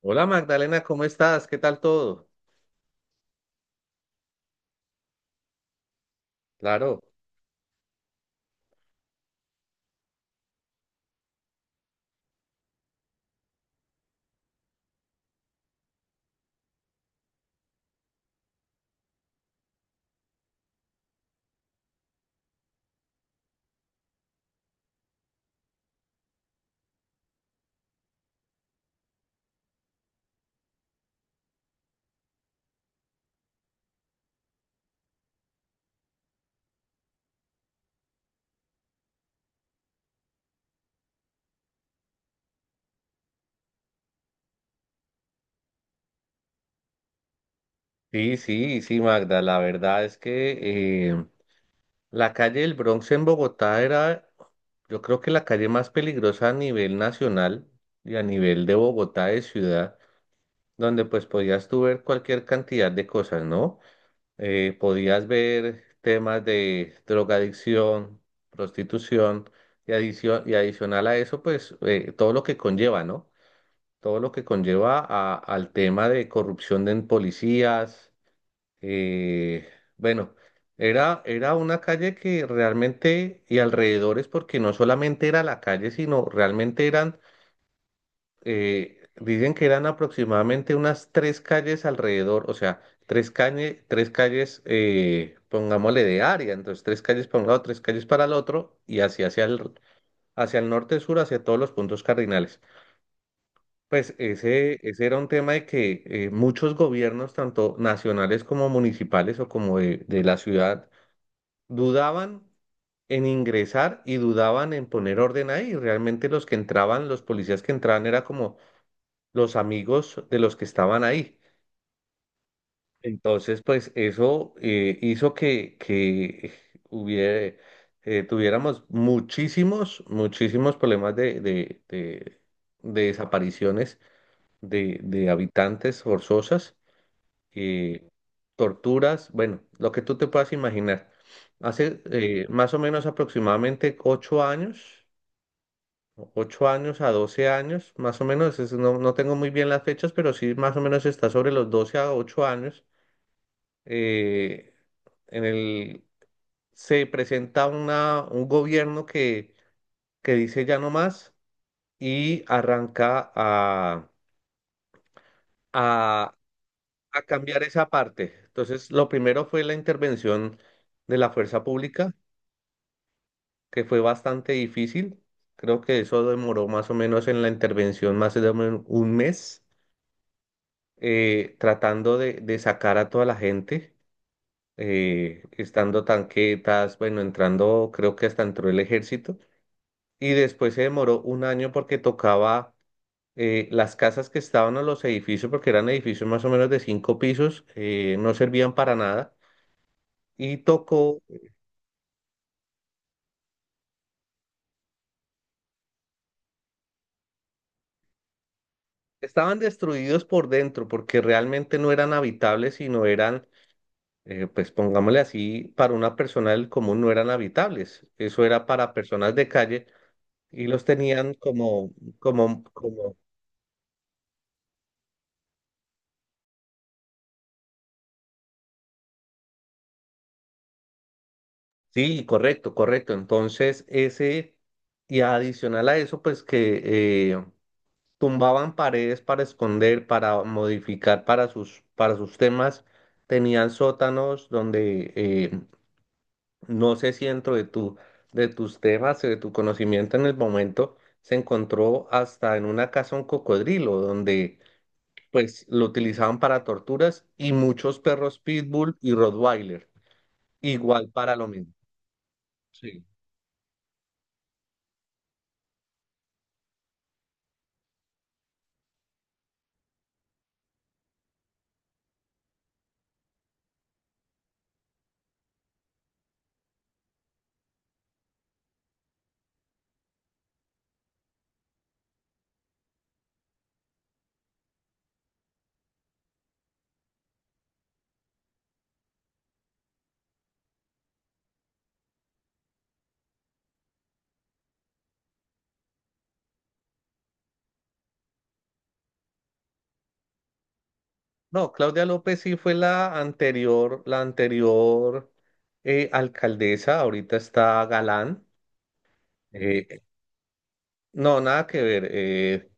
Hola Magdalena, ¿cómo estás? ¿Qué tal todo? Claro. Sí, sí, sí, Magda. La verdad es que la calle del Bronx en Bogotá era, yo creo que la calle más peligrosa a nivel nacional y a nivel de Bogotá de ciudad, donde pues podías tú ver cualquier cantidad de cosas, ¿no? Podías ver temas de drogadicción, prostitución y adicional a eso, pues todo lo que conlleva, ¿no? Todo lo que conlleva al tema de corrupción en policías. eh, bueno, era una calle que realmente, y alrededores, porque no solamente era la calle, sino realmente dicen que eran aproximadamente unas tres calles alrededor, o sea, tres calles, pongámosle de área, entonces tres calles para un lado, tres calles para el otro, y así hacia el norte-sur, hacia todos los puntos cardinales. Pues ese era un tema de que muchos gobiernos, tanto nacionales como municipales o como de la ciudad, dudaban en ingresar y dudaban en poner orden ahí. Realmente los que entraban, los policías que entraban, era como los amigos de los que estaban ahí. Entonces, pues eso hizo que hubiera, tuviéramos muchísimos, muchísimos problemas de desapariciones de habitantes forzosas, eh, torturas, bueno, lo que tú te puedas imaginar. Hace más o menos aproximadamente 8 años, 8 años a 12 años, más o menos, no, no tengo muy bien las fechas, pero sí más o menos está sobre los 12 a 8 años. eh, en se presenta un gobierno que dice ya no más y arranca a a cambiar esa parte. Entonces, lo primero fue la intervención de la fuerza pública, que fue bastante difícil. Creo que eso demoró más o menos en la intervención más de 1 mes, tratando de sacar a toda la gente, estando tanquetas, bueno, entrando, creo que hasta entró el ejército. Y después se demoró 1 año porque tocaba, las casas que estaban a los edificios, porque eran edificios más o menos de 5 pisos, no servían para nada. Y tocó. Estaban destruidos por dentro porque realmente no eran habitables, sino eran, pues pongámosle así, para una persona del común no eran habitables. Eso era para personas de calle y los tenían como, como, como, sí, correcto, correcto. Entonces, ese, y adicional a eso, pues que tumbaban paredes para esconder, para modificar para para sus temas. Tenían sótanos donde no sé si dentro de de tus temas, de tu conocimiento en el momento, se encontró hasta en una casa un cocodrilo, donde pues lo utilizaban para torturas y muchos perros Pitbull y Rottweiler, igual para lo mismo. Sí. No, Claudia López sí fue la anterior alcaldesa, ahorita está Galán. Eh, no, nada que ver.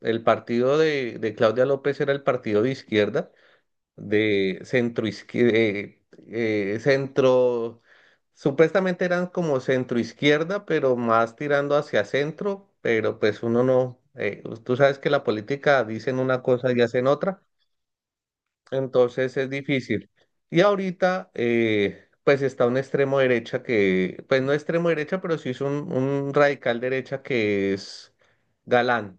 El partido de Claudia López era el partido de izquierda, de centro izquierda, centro, supuestamente eran como centro izquierda, pero más tirando hacia centro, pero pues uno no, tú sabes que la política dicen una cosa y hacen otra. Entonces es difícil. Y ahorita, pues está un extremo derecha que, pues no extremo derecha, pero sí es un radical derecha que es Galán,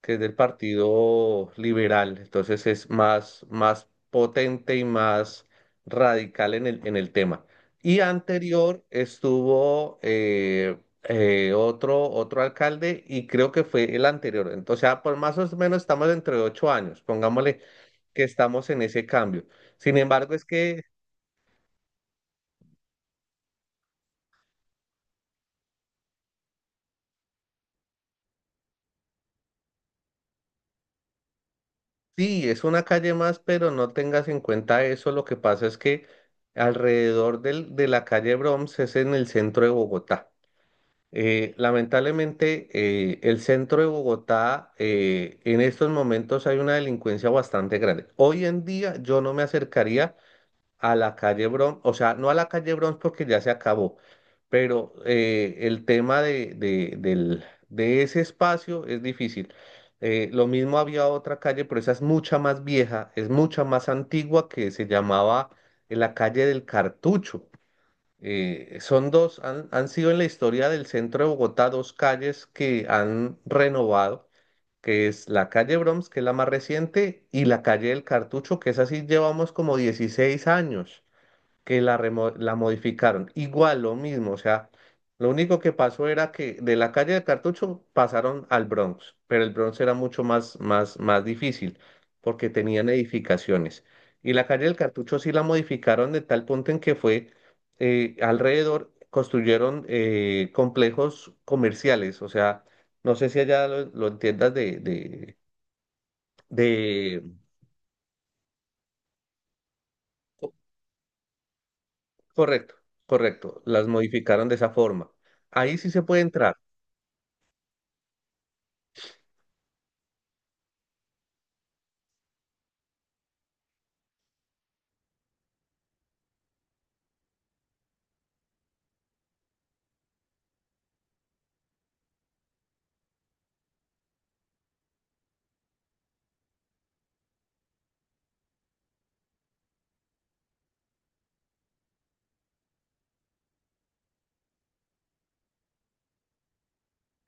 que es del Partido Liberal. Entonces es más, más potente y más radical en en el tema. Y anterior estuvo otro, otro alcalde y creo que fue el anterior. Entonces, ah, por más o menos estamos entre 8 años, pongámosle que estamos en ese cambio. Sin embargo, es que sí, es una calle más, pero no tengas en cuenta eso. Lo que pasa es que alrededor de la calle Broms es en el centro de Bogotá. Lamentablemente, el centro de Bogotá, en estos momentos hay una delincuencia bastante grande. Hoy en día yo no me acercaría a la calle Bronx, o sea, no a la calle Bronx porque ya se acabó, pero el tema de ese espacio es difícil. Lo mismo había otra calle, pero esa es mucha más vieja, es mucha más antigua que se llamaba, la calle del Cartucho. Son dos, han sido en la historia del centro de Bogotá dos calles que han renovado, que es la calle Broms, que es la más reciente, y la calle del Cartucho, que es así, llevamos como 16 años que la modificaron. Igual, lo mismo, o sea, lo único que pasó era que de la calle del Cartucho pasaron al Bronx, pero el Bronx era mucho más difícil porque tenían edificaciones. Y la calle del Cartucho sí la modificaron de tal punto en que fue alrededor, construyeron complejos comerciales, o sea, no sé si allá lo entiendas de... co- correcto, correcto, las modificaron de esa forma. Ahí sí se puede entrar.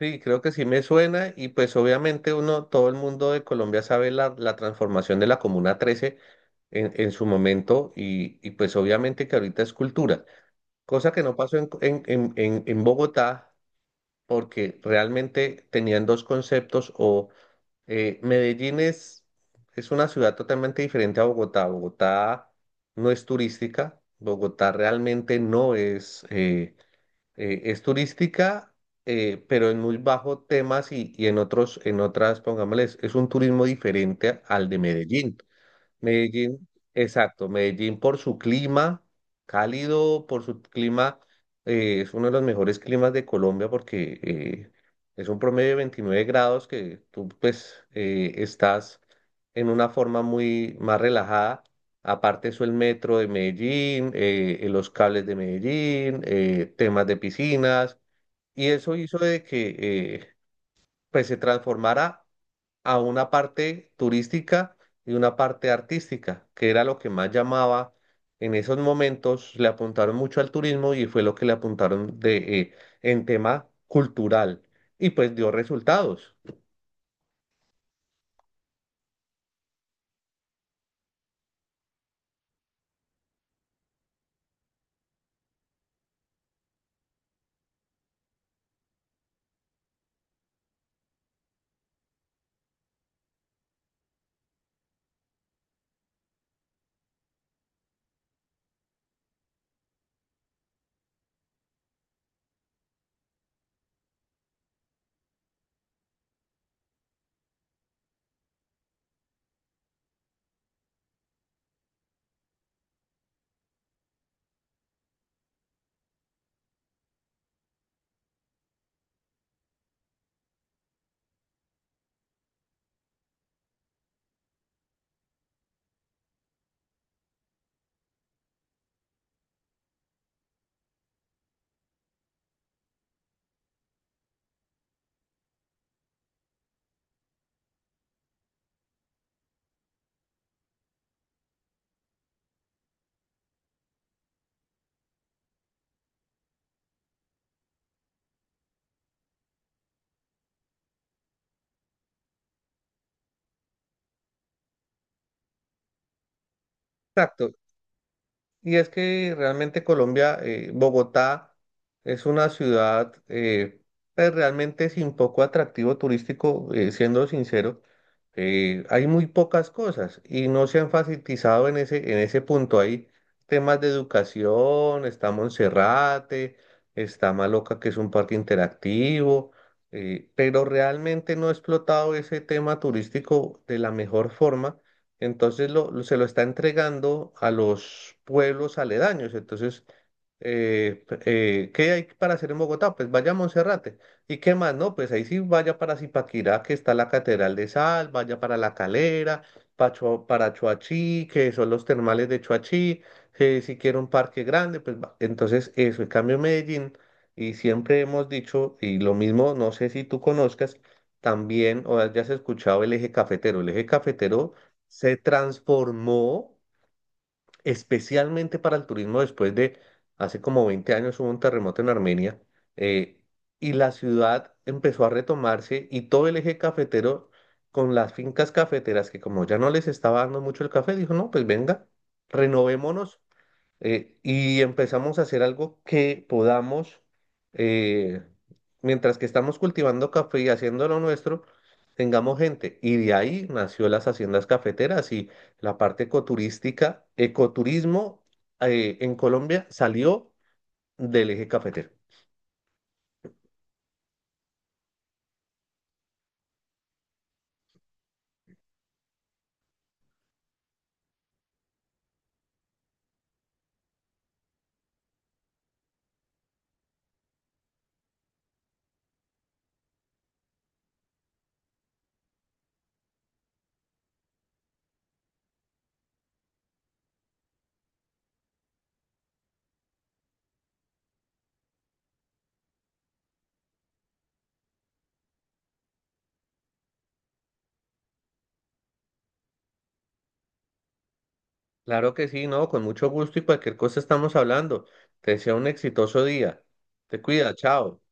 Sí, creo que sí me suena y pues obviamente uno, todo el mundo de Colombia sabe la transformación de la Comuna 13 en su momento y pues obviamente que ahorita es cultura, cosa que no pasó en Bogotá porque realmente tenían dos conceptos o Medellín es una ciudad totalmente diferente a Bogotá, Bogotá no es turística, Bogotá realmente no es... es turística, pero en muy bajo temas y en otros, en otras, pongámosles, es un turismo diferente al de Medellín. Medellín, exacto, Medellín por su clima cálido, por su clima, es uno de los mejores climas de Colombia porque es un promedio de 29 grados que tú pues estás en una forma muy más relajada. Aparte eso el metro de Medellín, los cables de Medellín, temas de piscinas y eso hizo de que eh, pues se transformara a una parte turística y una parte artística, que era lo que más llamaba en esos momentos, le apuntaron mucho al turismo y fue lo que le apuntaron de, en tema cultural y pues dio resultados. Exacto. Y es que realmente Colombia, Bogotá es una ciudad pues, realmente sin poco atractivo turístico, siendo sincero. Hay muy pocas cosas y no se ha enfatizado en ese punto. Hay temas de educación, está Monserrate, está Maloca, que es un parque interactivo, pero realmente no ha explotado ese tema turístico de la mejor forma. Entonces se lo está entregando a los pueblos aledaños. Entonces, eh, p- ¿qué hay para hacer en Bogotá? Pues vaya a Monserrate. ¿Y qué más? No, pues ahí sí vaya para Zipaquirá, que está la Catedral de Sal, vaya para La Calera, para Choachí, que son los termales de Choachí, que si quiere un parque grande, pues va. Entonces eso, en cambio Medellín, y siempre hemos dicho, y lo mismo, no sé si tú conozcas, también o hayas escuchado el eje cafetero. El eje cafetero se transformó especialmente para el turismo después de, hace como 20 años hubo un terremoto en Armenia, eh, y la ciudad empezó a retomarse y todo el eje cafetero con las fincas cafeteras que como ya no les estaba dando mucho el café, dijo, no, pues venga, renovémonos, y empezamos a hacer algo que podamos, eh, mientras que estamos cultivando café y haciendo lo nuestro, tengamos gente. Y de ahí nació las haciendas cafeteras y la parte ecoturística, ecoturismo en Colombia salió Del eje cafetero. Claro que sí, no, con mucho gusto y cualquier cosa estamos hablando. Te deseo un exitoso día. Te cuida, chao.